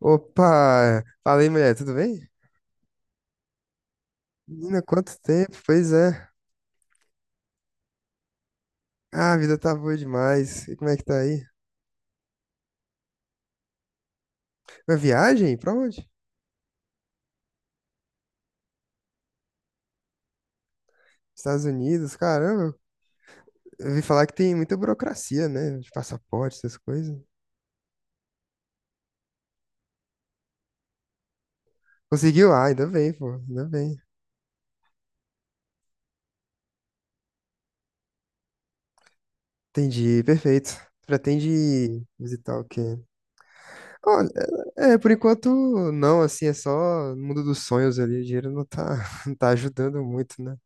Opa! Falei, mulher, tudo bem? Menina, quanto tempo? Pois é. Ah, a vida tá boa demais. E como é que tá aí? Uma viagem? Pra onde? Estados Unidos? Caramba, eu ouvi falar que tem muita burocracia, né? De passaporte, essas coisas. Conseguiu? Ah, ainda bem, pô. Ainda bem. Entendi, perfeito. Pretende visitar o quê? Olha, é, por enquanto, não, assim, é só no mundo dos sonhos ali. O dinheiro não tá, não tá ajudando muito, né?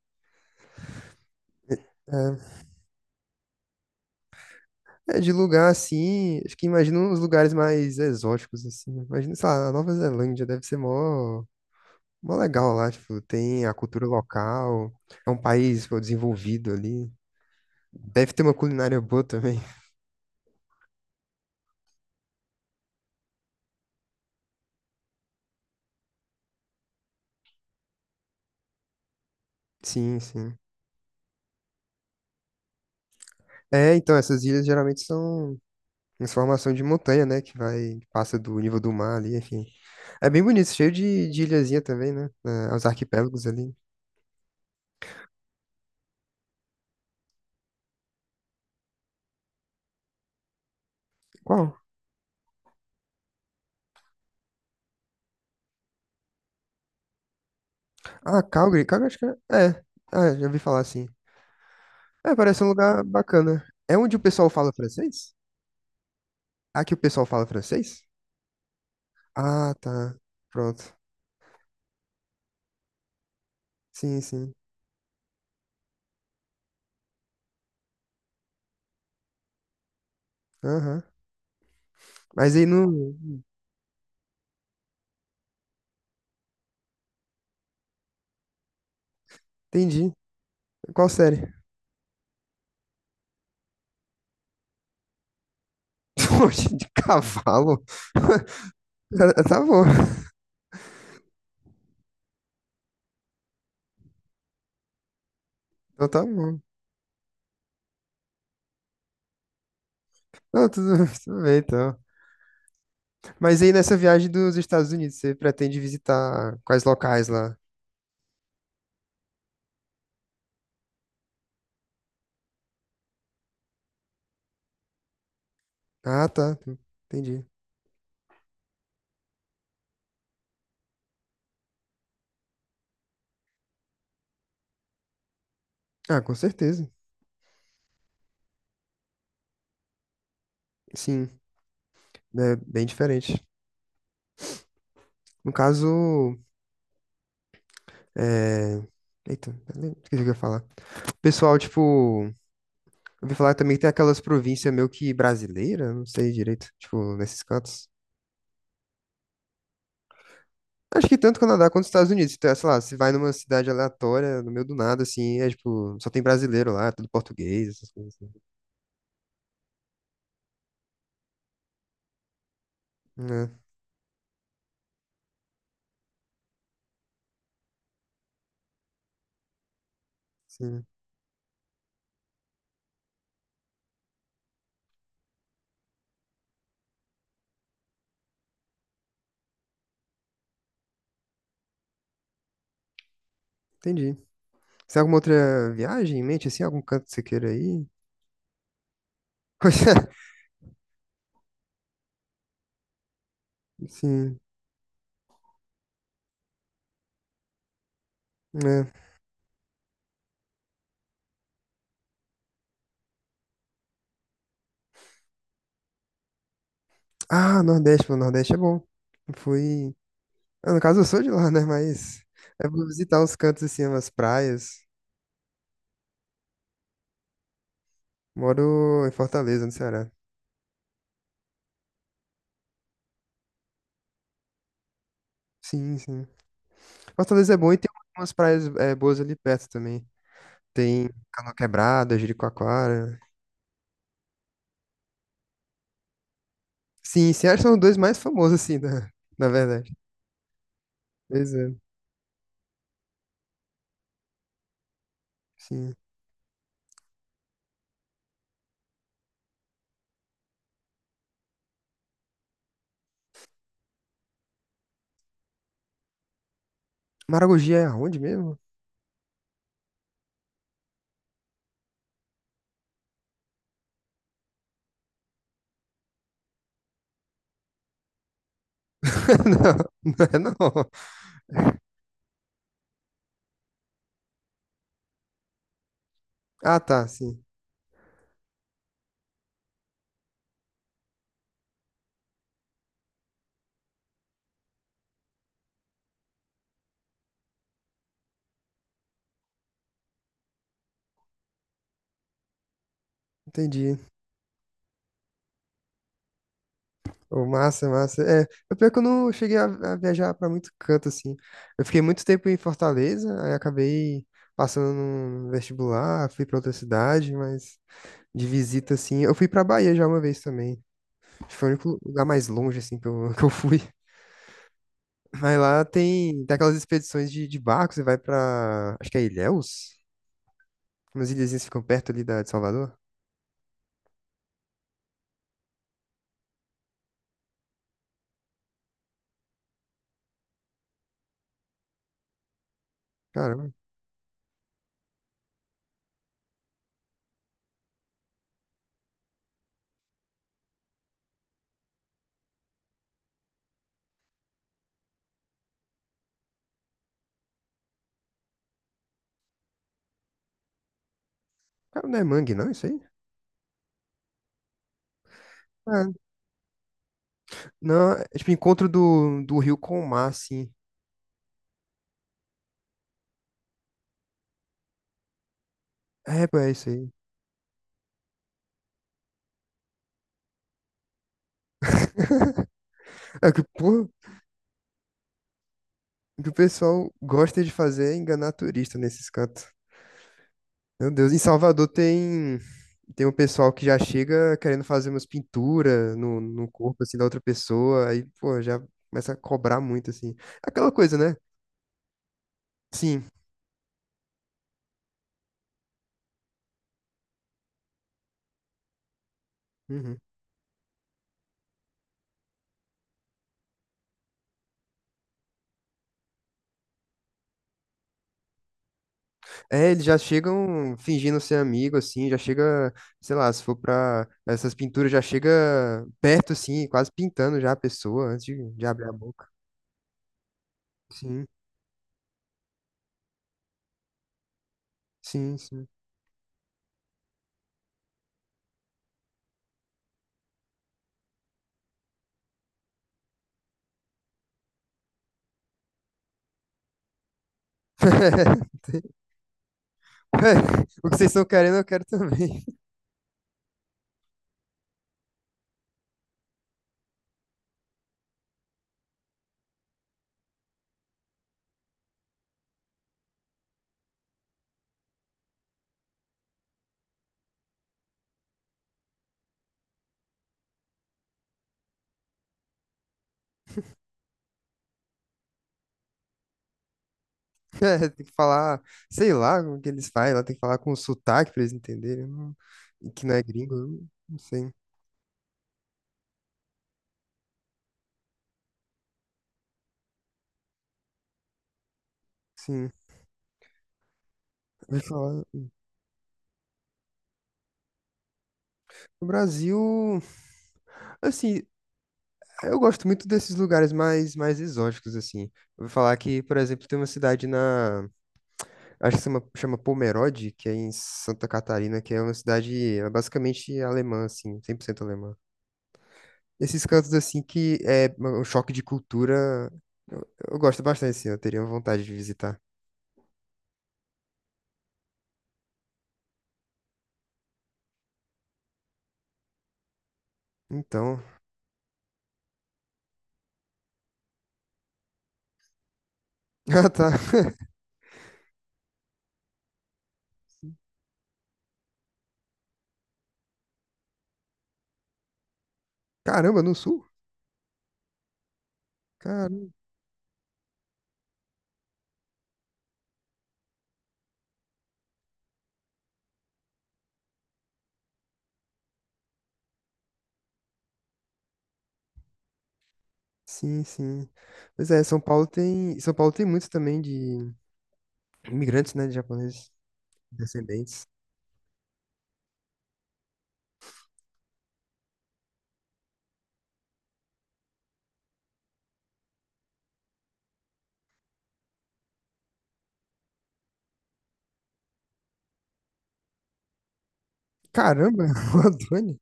É, É, de lugar assim, acho que imagino uns lugares mais exóticos, assim. Né? Imagina, sei lá, a Nova Zelândia deve ser mó, mó legal lá, tipo, tem a cultura local, é um país, pô, desenvolvido ali. Deve ter uma culinária boa também. Sim, sim. É, então, essas ilhas geralmente são em formação de montanha, né, que vai, passa do nível do mar ali, enfim. É bem bonito, cheio de ilhazinha também, né, é, os arquipélagos ali. Qual? Ah, Calgary, Calgary acho que é. É, ah, já ouvi falar, assim. É, parece um lugar bacana. É onde o pessoal fala francês? Aqui o pessoal fala francês? Ah, tá. Pronto. Sim, sim. Aham. Mas aí não. Entendi. Qual série? Poxa, de cavalo? Tá bom. Então tá bom. Não, tudo bem, então. Mas aí nessa viagem dos Estados Unidos, você pretende visitar quais locais lá? Ah, tá. Entendi. Ah, com certeza. Sim, é bem diferente. No caso, é... Eita, esqueci o que eu ia falar. Pessoal, tipo, eu ouvi falar também que tem aquelas províncias meio que brasileiras, não sei direito, tipo, nesses cantos. Acho que tanto Canadá quanto Estados Unidos. Então, sei lá, você vai numa cidade aleatória, no meio do nada, assim, é tipo, só tem brasileiro lá, tudo português, essas coisas assim. É, sim, entendi. Você tem alguma outra viagem em mente, assim, algum canto que você queira ir? Coisa, sim, né? Ah, Nordeste, pô, Nordeste é bom. Eu fui. Ah, no caso, eu sou de lá, né? Mas é pra visitar uns cantos, assim, umas praias. Moro em Fortaleza, no Ceará. Sim, sim. Fortaleza é bom e tem umas praias é, boas ali perto também. Tem Canoa Quebrada, Jericoacoara. Sim, sim, acho que são os dois mais famosos, assim, na, na verdade. Pois é, sim. Maragogi é aonde mesmo? Não, não é não. Ah, tá, sim. Entendi. Ô, massa, massa. É, o pior é que eu não cheguei a viajar pra muito canto, assim. Eu fiquei muito tempo em Fortaleza, aí acabei passando no vestibular, fui pra outra cidade, mas... de visita, assim. Eu fui pra Bahia já uma vez também. Acho que foi o único lugar mais longe, assim, que eu, que eu fui. Mas lá tem aquelas expedições de barco, você vai pra. Acho que é Ilhéus? Umas ilhazinhas que ficam perto ali da, de Salvador. Caramba, cara, não é mangue, não, isso aí? Ah, não, é tipo encontro do rio com o mar, assim. É, pô, é isso aí. É que, pô, o que o pessoal gosta de fazer é enganar turista nesses cantos. Meu Deus, em Salvador tem um pessoal que já chega querendo fazer umas pinturas no corpo assim da outra pessoa, aí pô, já começa a cobrar muito assim. Aquela coisa, né? Sim. Uhum. É, eles já chegam fingindo ser amigo assim, já chega, sei lá, se for pra essas pinturas já chega perto assim, quase pintando já a pessoa antes de abrir a boca. Sim, sim, sim. Ué, o que vocês estão querendo, eu quero também. É, tem que falar, sei lá como que eles fazem, ela tem que falar com sotaque pra eles entenderem, não- e que não é gringo, eu não sei. Sim, eu ia falar. O Brasil, assim, eu gosto muito desses lugares mais, mais exóticos, assim. Eu vou falar que, por exemplo, tem uma cidade na, acho que chama, chama Pomerode, que é em Santa Catarina, que é uma cidade é basicamente alemã, assim, 100% alemã. Esses cantos, assim, que é um choque de cultura, eu gosto bastante, assim, eu teria vontade de visitar. Então, ah, tá. Caramba, no sul? Caramba. Sim, sim. Pois é, São Paulo tem muitos também de imigrantes, né, de japoneses, descendentes. Caramba, o Adoni.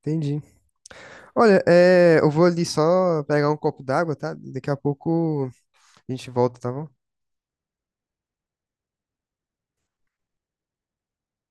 Entendi. Olha, é, eu vou ali só pegar um copo d'água, tá? Daqui a pouco a gente volta, tá bom?